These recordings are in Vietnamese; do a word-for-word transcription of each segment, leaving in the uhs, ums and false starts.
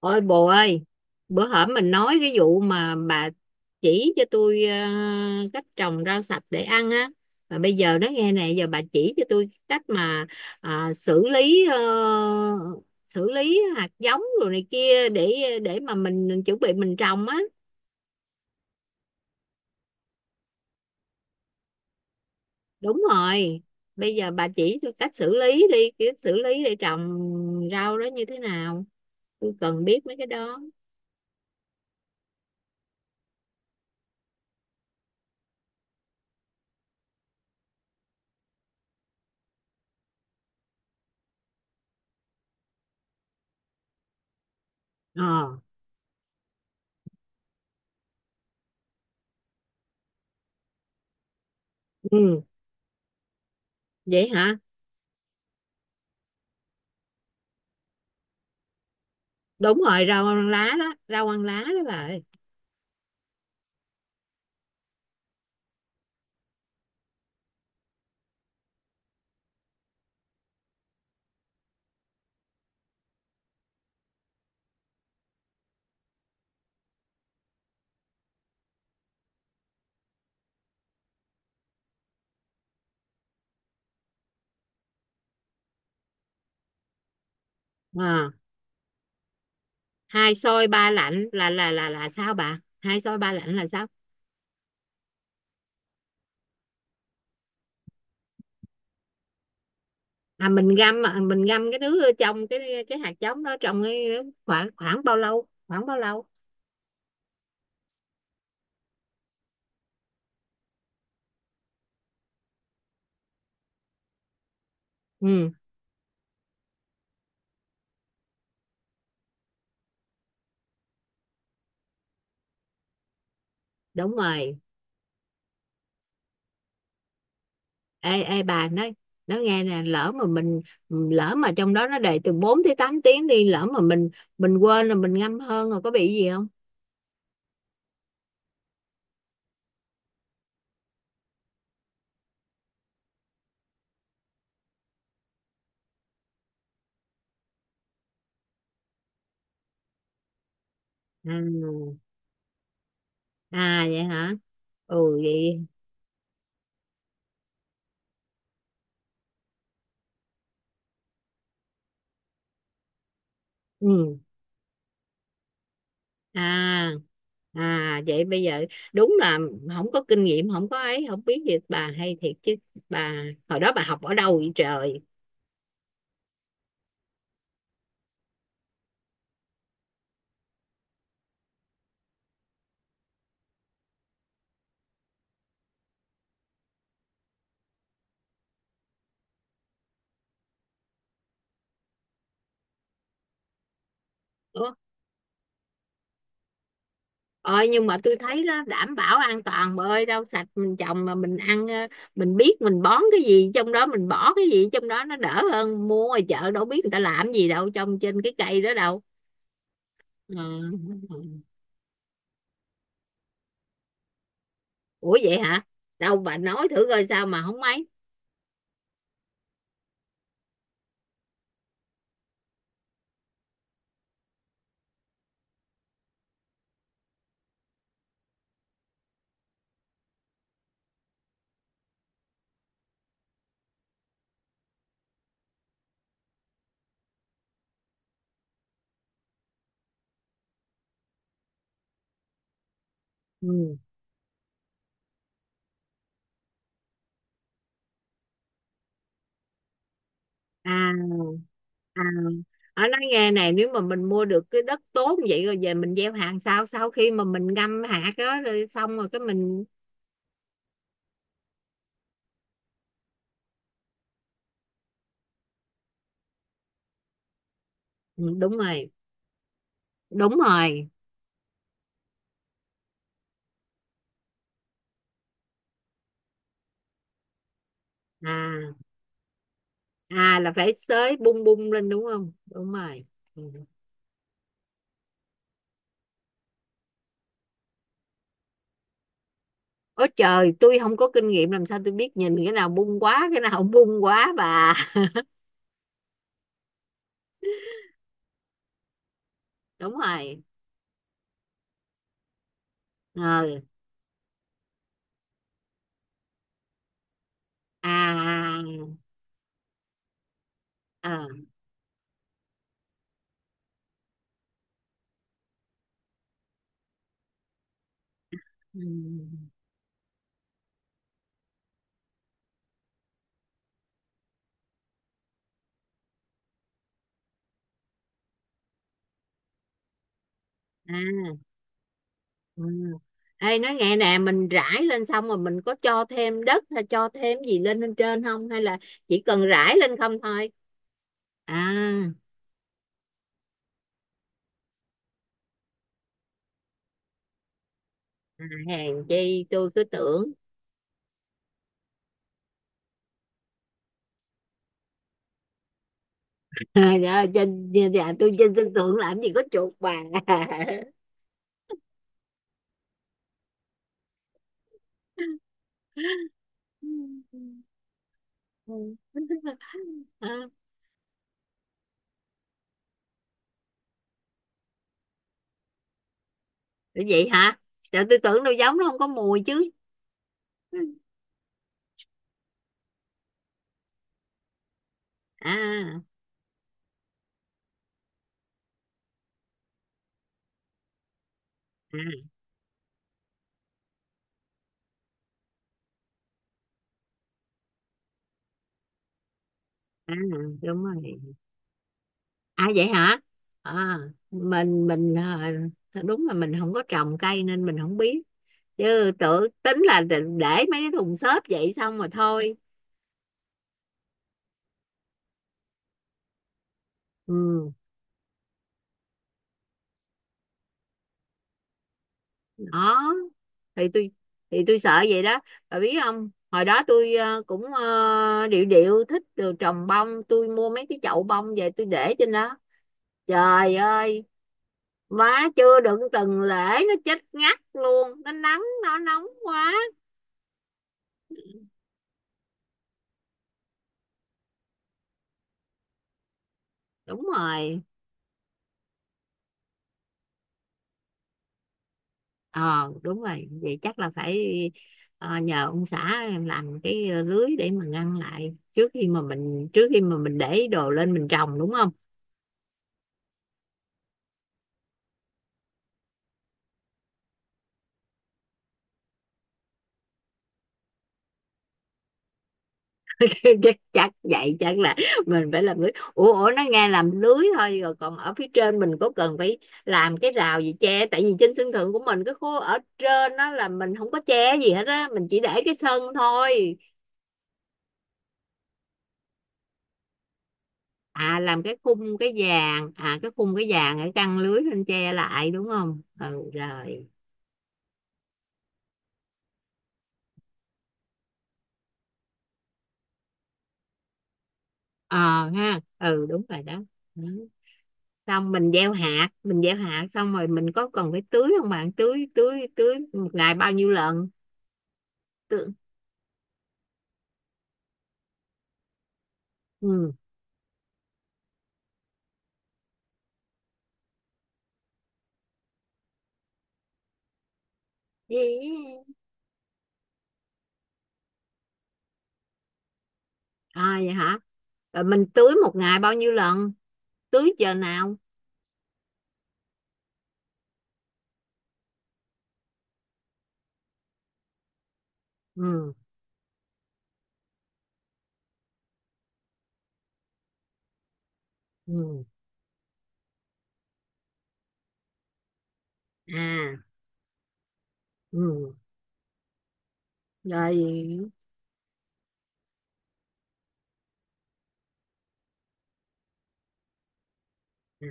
Ôi bồ ơi, bữa hổm mình nói cái vụ mà bà chỉ cho tôi ờ, cách trồng rau sạch để ăn á. Mà bây giờ nó nghe nè, giờ bà chỉ cho tôi cách mà à, xử lý ờ, xử lý hạt giống rồi này kia để để mà mình chuẩn bị mình trồng á. Đúng rồi. Bây giờ bà chỉ tôi cách xử lý đi, cái xử lý để trồng rau đó như thế nào. Tôi cần biết mấy cái đó. Ờ. Ừ. Vậy hả? Đúng rồi, rau ăn lá đó, rau ăn lá đó bà ơi. à, Hai xôi ba lạnh là là là là sao bà? Hai xôi ba lạnh là sao? à mình ngâm à, mình ngâm cái đứa trong cái cái hạt giống đó trong cái khoảng khoảng bao lâu, khoảng bao lâu? Ừ, đúng rồi. Ê ê bà nói, nó nghe nè, lỡ mà mình lỡ mà trong đó nó để từ bốn tới tám tiếng đi, lỡ mà mình mình quên là mình ngâm hơn rồi có bị gì không? À, à vậy hả. Ừ vậy. Ừ. À, à vậy bây giờ. Đúng là không có kinh nghiệm, không có ấy, không biết gì. Bà hay thiệt chứ. Bà hồi đó bà học ở đâu vậy trời? Ủa, ôi nhưng mà tôi thấy đó đảm bảo an toàn bà ơi. Rau sạch mình trồng mà mình ăn ờ, mình biết mình bón cái gì trong đó, mình bỏ cái gì trong đó, nó đỡ hơn mua ngoài chợ, đâu biết người ta làm gì đâu trong trên cái cây đó đâu. Ờ, ủa vậy hả? Đâu bà nói thử coi sao mà không mấy. Ừ. À. À, ở nói nghe này, nếu mà mình mua được cái đất tốt như vậy rồi về mình gieo hạt sau sau khi mà mình ngâm hạt đó rồi xong rồi cái mình... Ừ, đúng rồi, đúng rồi. À, à là phải xới bung bung lên đúng không? Đúng rồi. Ừ. Ôi trời, tôi không có kinh nghiệm làm sao tôi biết nhìn cái nào bung quá, cái nào không bung quá bà? Đúng rồi. Ờ. À, à, à. Ừ. À. Ừ. Ê nói nghe nè, mình rải lên xong rồi mình có cho thêm đất hay cho thêm gì lên bên trên không, hay là chỉ cần rải lên không thôi? À, à, hèn chi tôi cứ tưởng. À, dạ, trên dạ, tôi trên sân thượng làm gì có chuột bà. À, vậy hả? Trời tôi tưởng đâu giống nó không có mùi chứ. À, à, à đúng rồi. À vậy hả? À, mình mình ờ, đúng là mình không có trồng cây nên mình không biết. Chứ tự tính là để để mấy cái thùng xốp vậy xong rồi thôi. Ừ đó, thì tôi thì tôi sợ vậy đó. Bà biết không, hồi đó tôi ờ, cũng ờ, điệu điệu thích được trồng bông, tôi mua mấy cái chậu bông về tôi để trên đó. Trời ơi má, chưa đựng từng lễ nó chết ngắt luôn, nó nắng nó nóng quá. Đúng rồi. ờ Đúng rồi, vậy chắc là phải ờ, nhờ ông xã em làm cái lưới để mà ngăn lại trước khi mà mình trước khi mà mình để đồ lên mình trồng đúng không? chắc chắc vậy chắc là mình phải làm lưới. Ủa, ủa nó nghe làm lưới thôi rồi còn ở phía trên mình có cần phải làm cái rào gì che, tại vì trên sân thượng của mình cái khu ở trên đó là mình không có che gì hết á, mình chỉ để cái sân thôi. À làm cái khung cái vàng, à cái khung cái vàng để căng lưới lên che lại đúng không? Ừ rồi. Ờ ha, ừ đúng rồi đó. Ừ. Xong mình gieo hạt, mình gieo hạt xong rồi mình có cần phải tưới không bạn? Tưới tưới tưới một ngày bao nhiêu lần tưới? Ừ. Vậy. À vậy hả? Rồi mình tưới một ngày bao nhiêu lần, tưới giờ nào? Ừ. Ừ. À. Ừ rồi. À.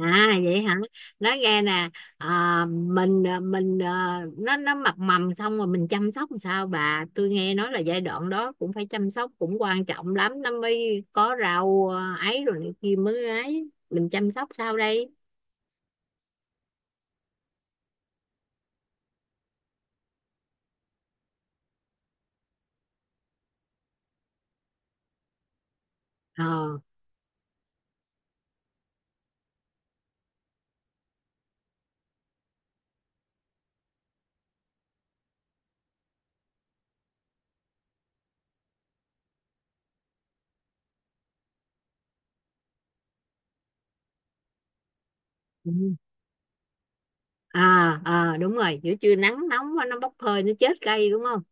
À vậy hả? Nói nghe nè, à, mình à, mình à, nó nó mập mầm xong rồi mình chăm sóc làm sao bà? Tôi nghe nói là giai đoạn đó cũng phải chăm sóc cũng quan trọng lắm nó mới có rau à, ấy rồi này kia mới ấy. Mình chăm sóc sao đây? Ờ. Ừ. À, à đúng rồi, giữa trưa nắng nóng quá, nó bốc hơi nó chết cây đúng không?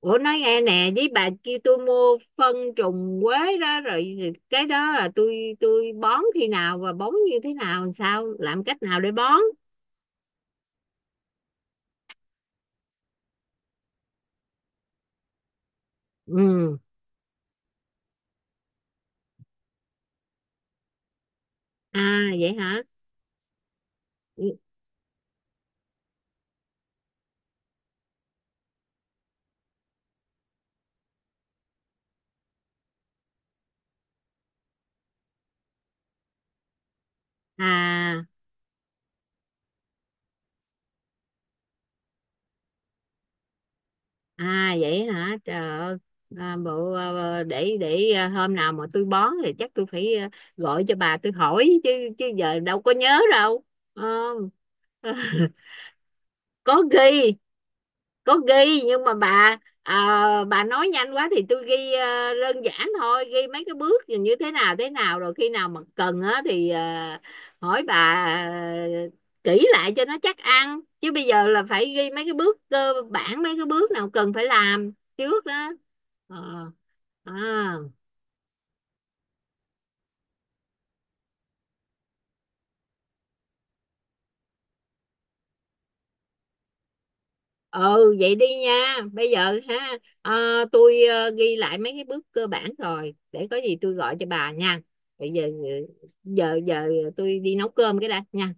Ủa nói nghe nè, với bà kia tôi mua phân trùng quế đó rồi, cái đó là tôi tôi bón khi nào và bón như thế nào, làm sao làm cách nào để bón? Ừ. À vậy hả? Ừ, à, à vậy hả trời ơi. À, bộ à, à, để để à, hôm nào mà tôi bón thì chắc tôi phải à, gọi cho bà tôi hỏi chứ. Chứ giờ đâu có nhớ đâu. Ờ. Có ghi, có ghi nhưng mà bà à, bà nói nhanh quá thì tôi ghi ờ, đơn giản thôi, ghi mấy cái bước như thế nào thế nào rồi khi nào mà cần á thì ờ, hỏi bà ờ, kỹ lại cho nó chắc ăn, chứ bây giờ là phải ghi mấy cái bước cơ bản mấy cái bước nào cần phải làm trước đó. Ờ. À. Ừ vậy đi nha, bây giờ ha, ờ, tôi ờ, ghi lại mấy cái bước cơ bản rồi để có gì tôi gọi cho bà nha. Bây giờ giờ giờ tôi đi nấu cơm cái đã nha.